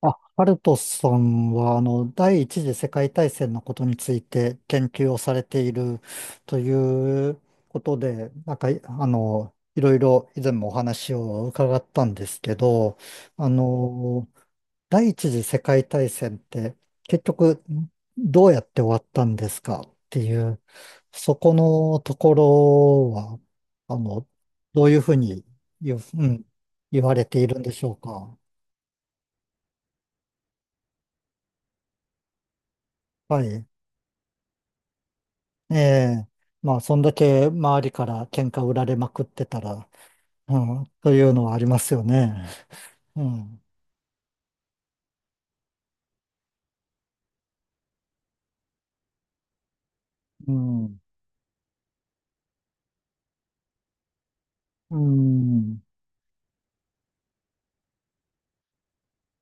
あ、ハルトさんは、第一次世界大戦のことについて研究をされているということで、なんか、いあの、いろいろ以前もお話を伺ったんですけど、あの、第一次世界大戦って結局どうやって終わったんですかっていう、そこのところは、あの、どういうふうに言う、うん、言われているんでしょうか。はい。ええ、まあ、そんだけ周りから喧嘩売られまくってたら、うん、というのはありますよね。うん、うん、うん、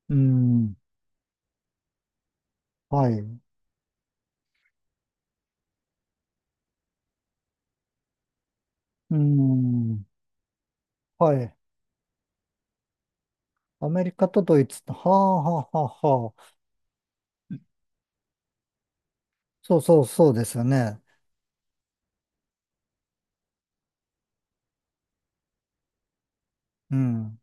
うん、はい、うん、はい。アメリカとドイツと、はあ、はあ、はあ、はあ、そうそう、そうですよね。うん、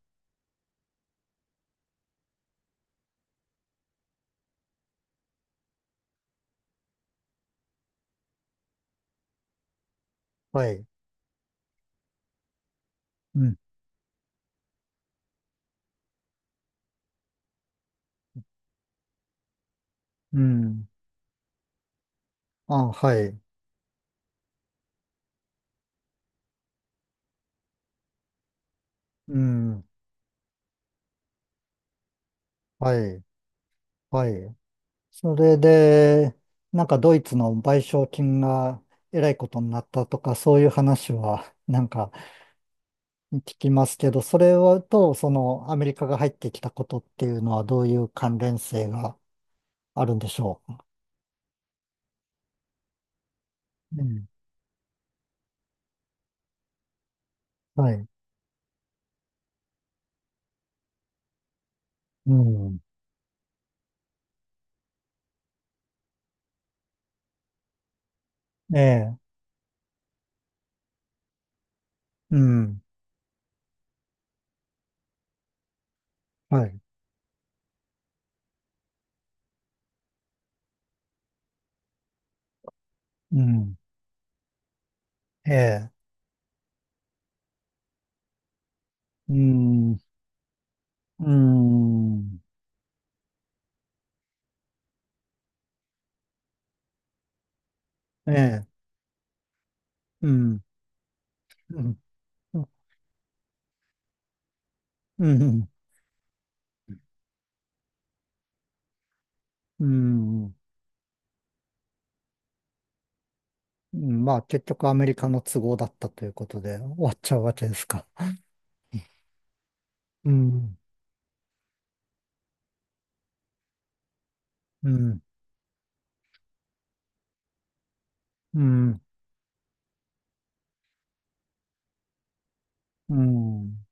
はい、うん、うん、あ、はい、うん、はい、はい。それで、なんかドイツの賠償金がえらいことになったとか、そういう話はなんか聞きますけど、それはと、そのアメリカが入ってきたことっていうのはどういう関連性があるんでしょう。うん、はい。うん。ええ。うん。はい。うん。ええ。うん。うん。ええ。うん。うん。うん。うん。うんまあ結局アメリカの都合だったということで終わっちゃうわけですか。うん、うん、うん、うん、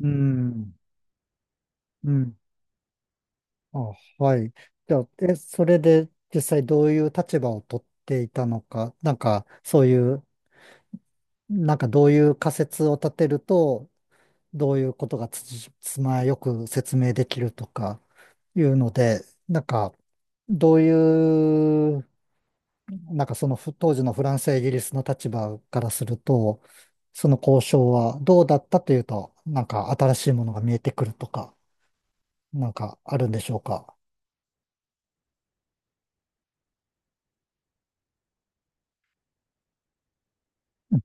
うん、うん。あ、はい。じゃあ、それで実際どういう立場を取っていたのか、なんかそういう、なんかどういう仮説を立てると、どういうことがつまよく説明できるとかいうので、なんかどういうなんかその当時のフランスやイギリスの立場からすると、その交渉はどうだったというと、なんか新しいものが見えてくるとか、なんかあるんでしょうか。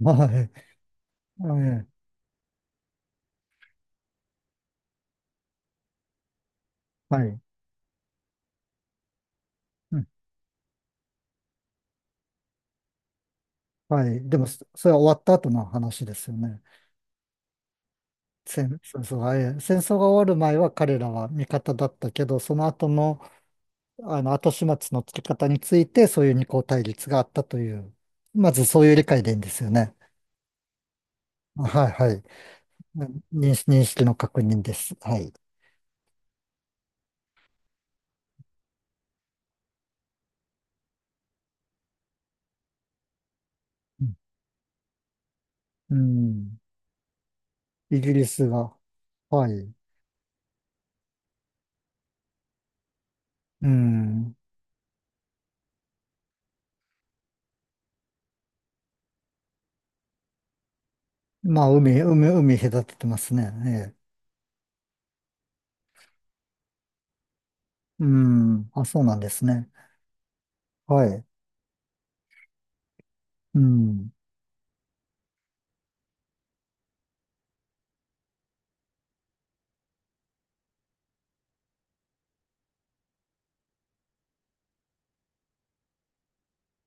はい。はい。はい。うん、はい。でも、それは終わった後の話ですよね。戦争が終わる前は彼らは味方だったけど、その後の、後始末のつけ方について、そういう二項対立があったという、まずそういう理解でいいんですよね。はい、はい。うん、認識の確認です。はい。うん。イギリスが、はい。うん。まあ、海隔ててますね。ええ。うん。あ、そうなんですね。はい。うん。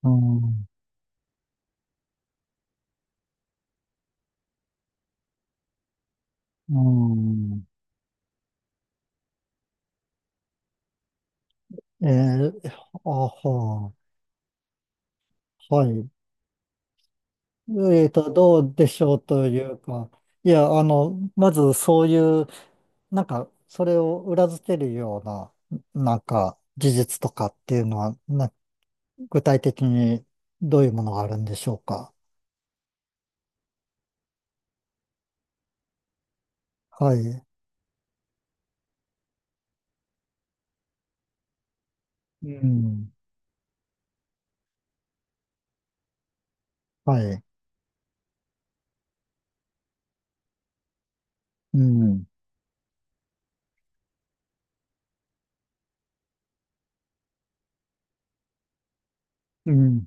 うん。うん。ええ、あはあ、はい。どうでしょうというか。いや、まずそういう、なんか、それを裏付けるような、なんか、事実とかっていうのは、具体的にどういうものがあるんでしょうか。はい。うん。はい。うん。うん。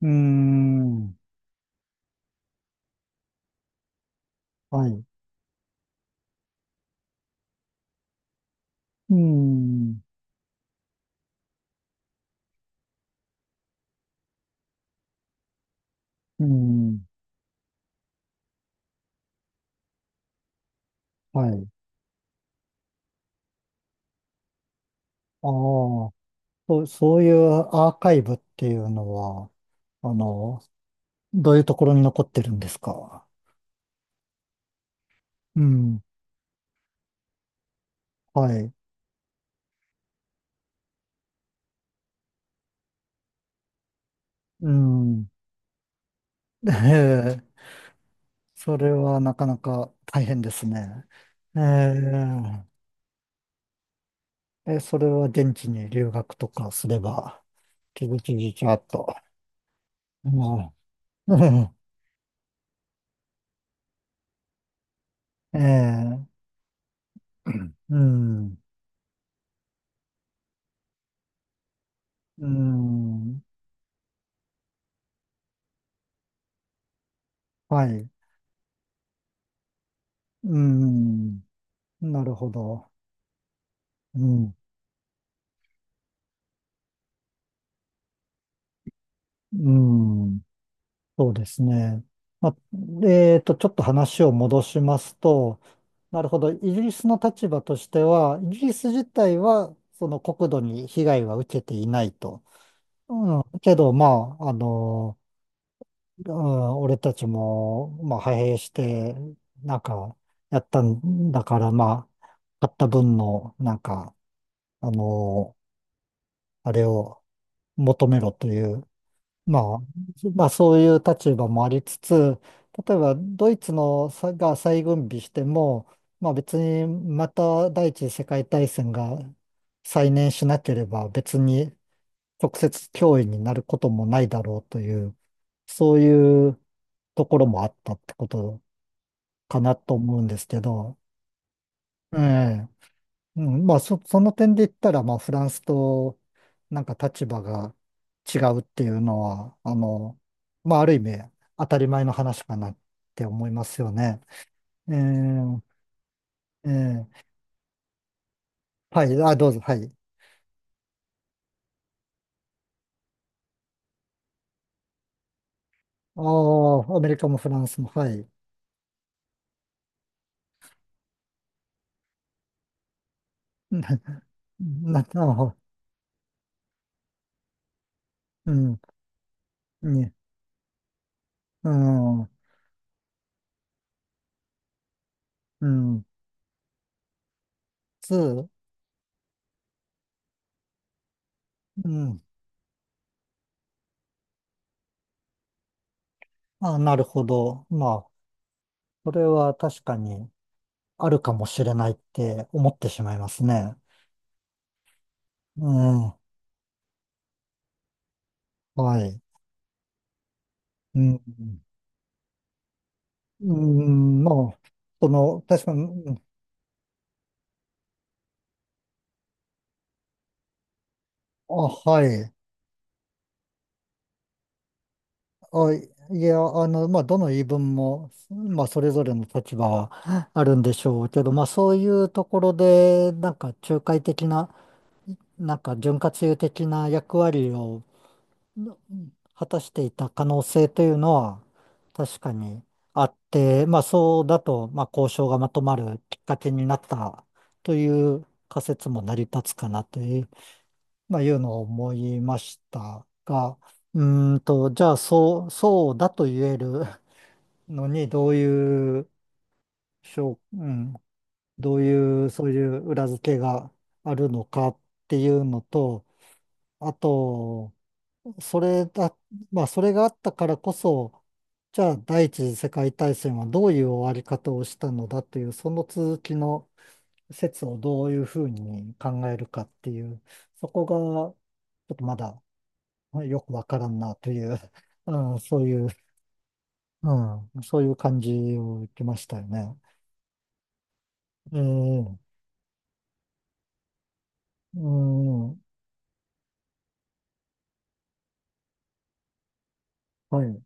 うん。はい。うん。うん。はい。ああ、そういうアーカイブっていうのは、あの、どういうところに残ってるんですか。うん。はい。うん。ええ、それはなかなか大変ですね。ええ、それは現地に留学とかすれば。ちびちびちゃっと。うん。ええ、うん。うん。はい。うん。なるほど。うん。うん。そうですね。まあ、ちょっと話を戻しますと、なるほど。イギリスの立場としては、イギリス自体は、その国土に被害は受けていないと。うん。けど、まあ、俺たちも、まあ、派兵して、なんか、やったんだから、まあ、買った分の、なんか、あのあれを求めろという、まあ、まあ、そういう立場もありつつ、例えば、ドイツのさが再軍備しても、まあ、別に、また第一次世界大戦が再燃しなければ、別に直接脅威になることもないだろうという、そういうところもあったってことかなと思うんですけど、ええ、うん、まあその点で言ったら、まあフランスとなんか立場が違うっていうのは、まあある意味当たり前の話かなって思いますよね。ええ、ええ、はい、あ、どうぞ、はい。ああ、アメリカもフランスも、はい。な、な、あうん、に、うん、うん、つ、うん、あ、なるほど。まあ、これは確かに、あるかもしれないって思ってしまいますね。うん、はい。うん、うん、まあ、確かに、うん、あ、はい。あ、いや、まあ、どの言い分も、まあ、それぞれの立場はあるんでしょうけど、まあ、そういうところで、なんか、仲介的な、なんか、潤滑油的な役割を、の果たしていた可能性というのは確かにあって、まあそうだと、まあ交渉がまとまるきっかけになったという仮説も成り立つかなという、まあいうのを思いましたが、うじゃあそうだと言えるのにしょう、うん、どういう、そういう裏付けがあるのかっていうのと、あと、それだ、まあ、それがあったからこそ、じゃあ第一次世界大戦はどういう終わり方をしたのだという、その続きの説をどういうふうに考えるかっていう、そこがちょっとまだよくわからんなという、うん、そういう、うん、そういう感じを受けましたよね。ええ、うん、はい。